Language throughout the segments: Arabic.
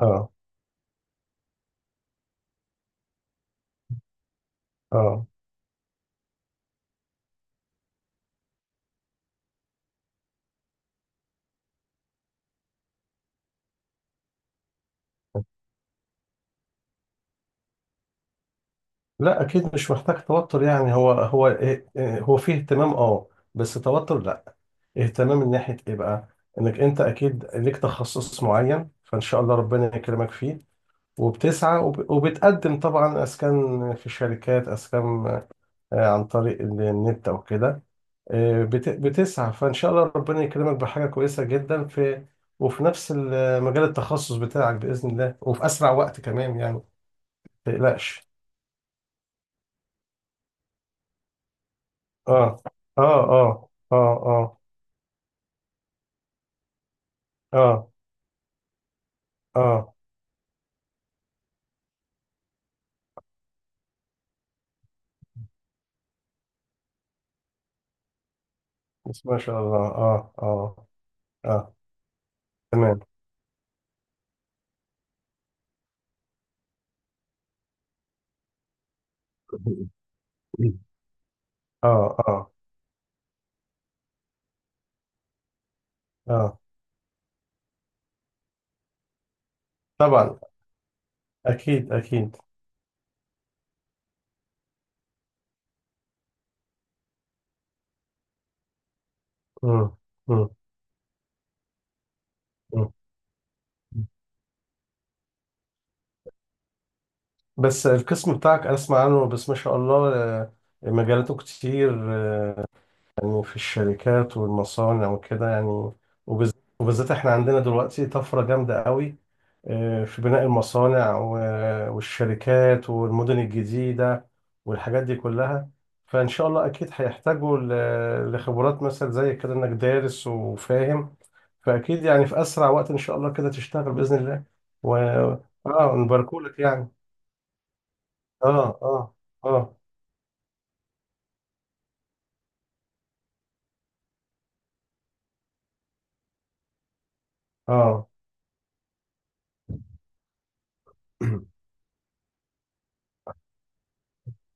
اه اه لا، اكيد مش محتاج توتر. يعني هو إيه، هو فيه اهتمام. اه بس توتر لا. اهتمام من ناحية ايه بقى؟ انك انت اكيد ليك تخصص معين، فان شاء الله ربنا يكرمك فيه. وبتسعى وبتقدم طبعا اسكان في شركات اسكان، آه، عن طريق النت او كده. آه، بتسعى فان شاء الله ربنا يكرمك بحاجة كويسة جدا في وفي نفس مجال التخصص بتاعك بإذن الله، وفي اسرع وقت كمان يعني. ما تقلقش. اه اه اه اه اه اه اه بس ما شاء الله. اه اه تمام. اه اه اه طبعا. اكيد اكيد. مم. مم. مم. بس القسم بتاعك اسمع عنه، بس ما شاء الله، آه، مجالاته كتير، آه، يعني في الشركات والمصانع وكده يعني. وبالذات احنا عندنا دلوقتي طفرة جامدة قوي، آه، في بناء المصانع والشركات والمدن الجديدة والحاجات دي كلها. فإن شاء الله أكيد هيحتاجوا لخبرات مثلا زي كده، إنك دارس وفاهم. فأكيد يعني في أسرع وقت إن شاء الله كده تشتغل بإذن الله. و آه نباركولك يعني. آه آه آه آه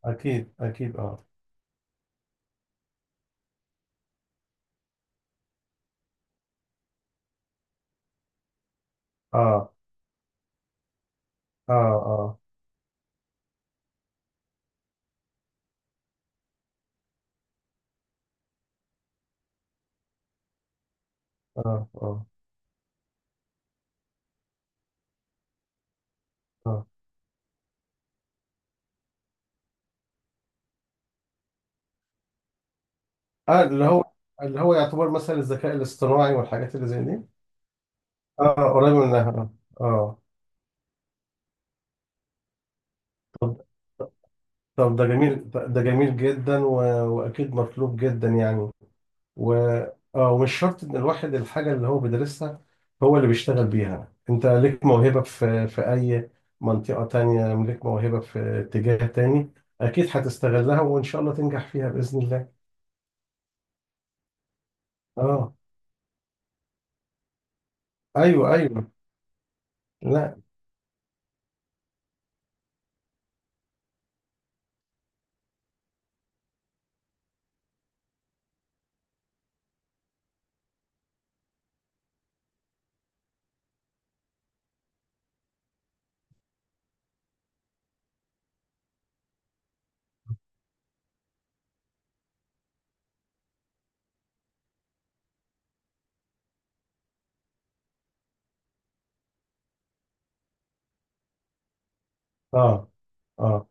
أكيد أكيد. آه آه آه اه اه اه اه اللي هو، اللي هو يعتبر مثلا الذكاء الاصطناعي والحاجات اللي زي دي. اه، قريب منها اه. اه طب طب ده جميل، ده جميل جدا و... واكيد مطلوب جدا يعني. و اه، ومش شرط ان الواحد الحاجه اللي هو بيدرسها هو اللي بيشتغل بيها. انت ليك موهبه في اي منطقه تانية، ليك موهبه في اتجاه تاني، اكيد هتستغلها وان شاء الله تنجح فيها باذن الله. اه. ايوه ايوه. لا. اه اه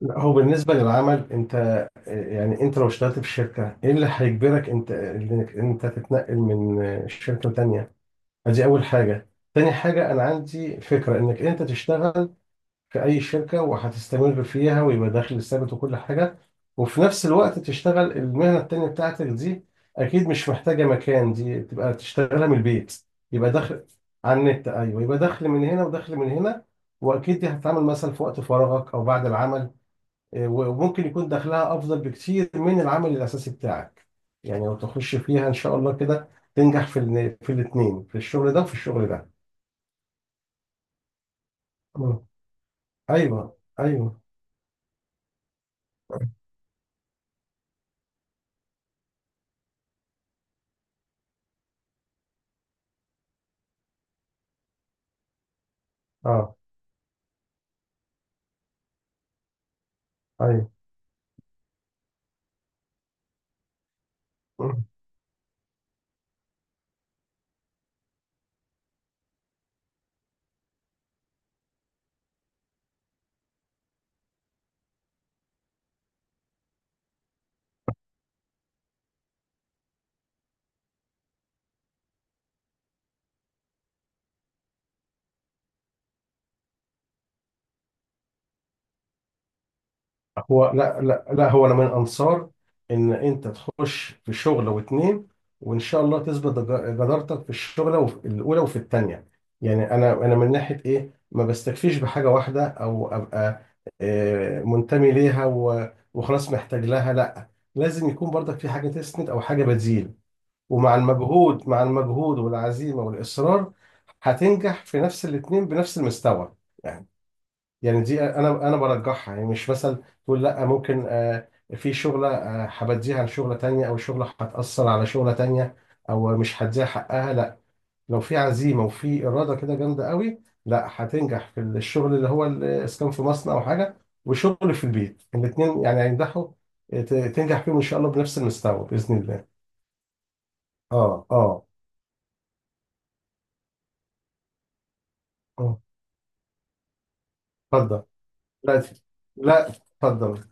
لا، هو بالنسبة للعمل انت، آه، يعني انت لو اشتغلت في شركة، ايه اللي هيجبرك انت انك انت تتنقل من آه، شركة لتانية؟ ادي اول حاجة. تاني حاجة، انا عندي فكرة انك انت تشتغل في اي شركة وهتستمر فيها، ويبقى دخل ثابت وكل حاجة، وفي نفس الوقت تشتغل المهنة التانية بتاعتك دي. اكيد مش محتاجة مكان، دي تبقى تشتغلها من البيت. يبقى دخل، على النت ايوه، يبقى دخل من هنا ودخل من هنا. واكيد دي هتتعامل مثلا في وقت فراغك او بعد العمل، وممكن يكون دخلها افضل بكتير من العمل الاساسي بتاعك. يعني لو تخش فيها ان شاء الله كده، تنجح في في الاثنين، في الشغل ده وفي الشغل ده. مم. ايوه ايوه. اه. ايوه. هو لا لا لا، هو انا من انصار ان انت تخش في شغله واتنين، وان شاء الله تثبت جدارتك في الشغله، وفي الاولى وفي التانيه. يعني انا، انا من ناحيه ايه ما بستكفيش بحاجه واحده، او ابقى آه، منتمي ليها وخلاص محتاج لها، لا. لازم يكون برضك في حاجه تسند او حاجه بتزيد. ومع المجهود، مع المجهود والعزيمه والاصرار، هتنجح في نفس الاتنين بنفس المستوى يعني. يعني دي انا، انا برجحها، يعني مش مثلا تقول لا ممكن آه، في شغله آه، هبديها لشغله تانية، او شغله هتاثر على شغله تانية، او مش هديها حقها، لا. لو في عزيمه وفي اراده كده جامده قوي، لا هتنجح في الشغل اللي هو الاسكان في مصنع او حاجه، وشغل في البيت، الاثنين يعني هينجحوا. تنجح فيهم ان شاء الله بنفس المستوى باذن الله. اه اه. آه. اتفضل. لا، لا اتفضل.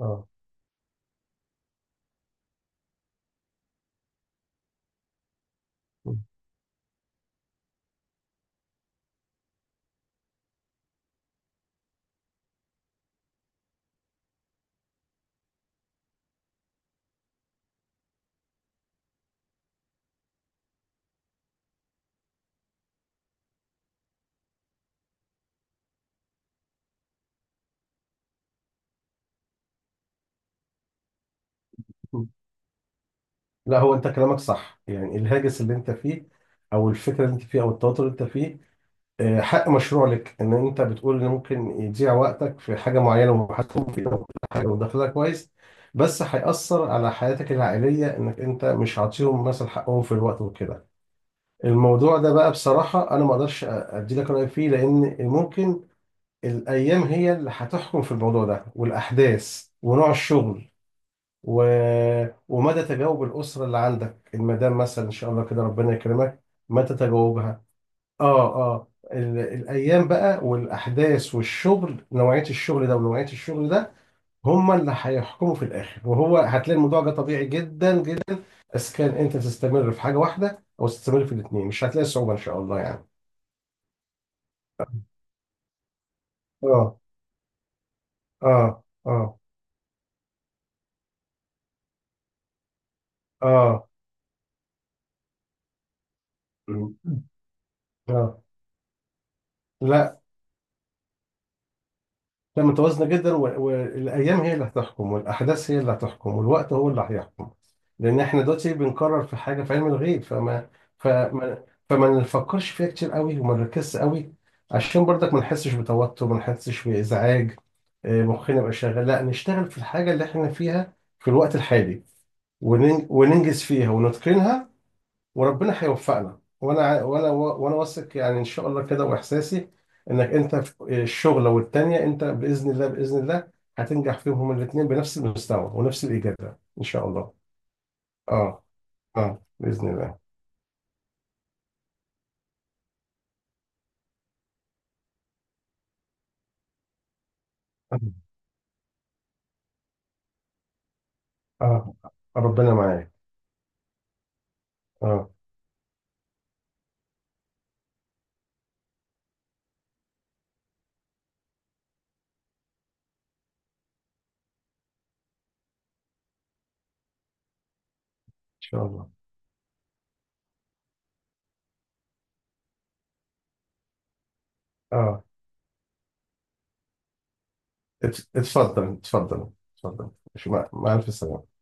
اه. آه. لا هو انت كلامك صح، يعني الهاجس اللي انت فيه، او الفكره اللي انت فيه، او التوتر اللي انت فيه، آه، حق مشروع لك. ان انت بتقول ان ممكن يضيع وقتك في حاجه معينه ومحاسبهم فيها وكل حاجه ودخلها كويس، بس هيأثر على حياتك العائليه، انك انت مش عاطيهم مثلا حقهم في الوقت وكده. الموضوع ده بقى بصراحه انا ما اقدرش ادي لك راي فيه، لان ممكن الايام هي اللي هتحكم في الموضوع ده، والاحداث ونوع الشغل و... ومدى تجاوب الأسرة اللي عندك، المدام مثلا إن شاء الله كده ربنا يكرمك، متى تجاوبها. آه آه، الأيام بقى والأحداث والشغل، نوعية الشغل ده ونوعية الشغل ده، هما اللي هيحكموا في الآخر. وهو هتلاقي الموضوع ده طبيعي جدا جدا. بس كان أنت تستمر في حاجة واحدة أو تستمر في الاتنين، مش هتلاقي صعوبة إن شاء الله يعني. آه آه آه آه آه لا، لا متوازنة جدا، والأيام هي اللي هتحكم، والأحداث هي اللي هتحكم، والوقت هو اللي هيحكم. لأن إحنا دلوقتي بنكرر في حاجة في علم الغيب، فما نفكرش فيها كتير قوي، وما نركزش قوي، عشان برضك ما نحسش بتوتر، ما نحسش بإزعاج. آه، مخنا يبقى شغال، لا نشتغل في الحاجة اللي إحنا فيها في الوقت الحالي، وننجز فيها ونتقنها. وربنا هيوفقنا، وانا واثق يعني ان شاء الله كده، واحساسي انك انت في الشغله والتانيه انت باذن الله، باذن الله هتنجح فيهم هما الاثنين بنفس المستوى ونفس الاجابه ان شاء الله. اه اه باذن الله. اه آه، ربنا معاك. اه ان شاء الله. اه. اتفضل اتفضل. اتفضل. مع الف سلامه.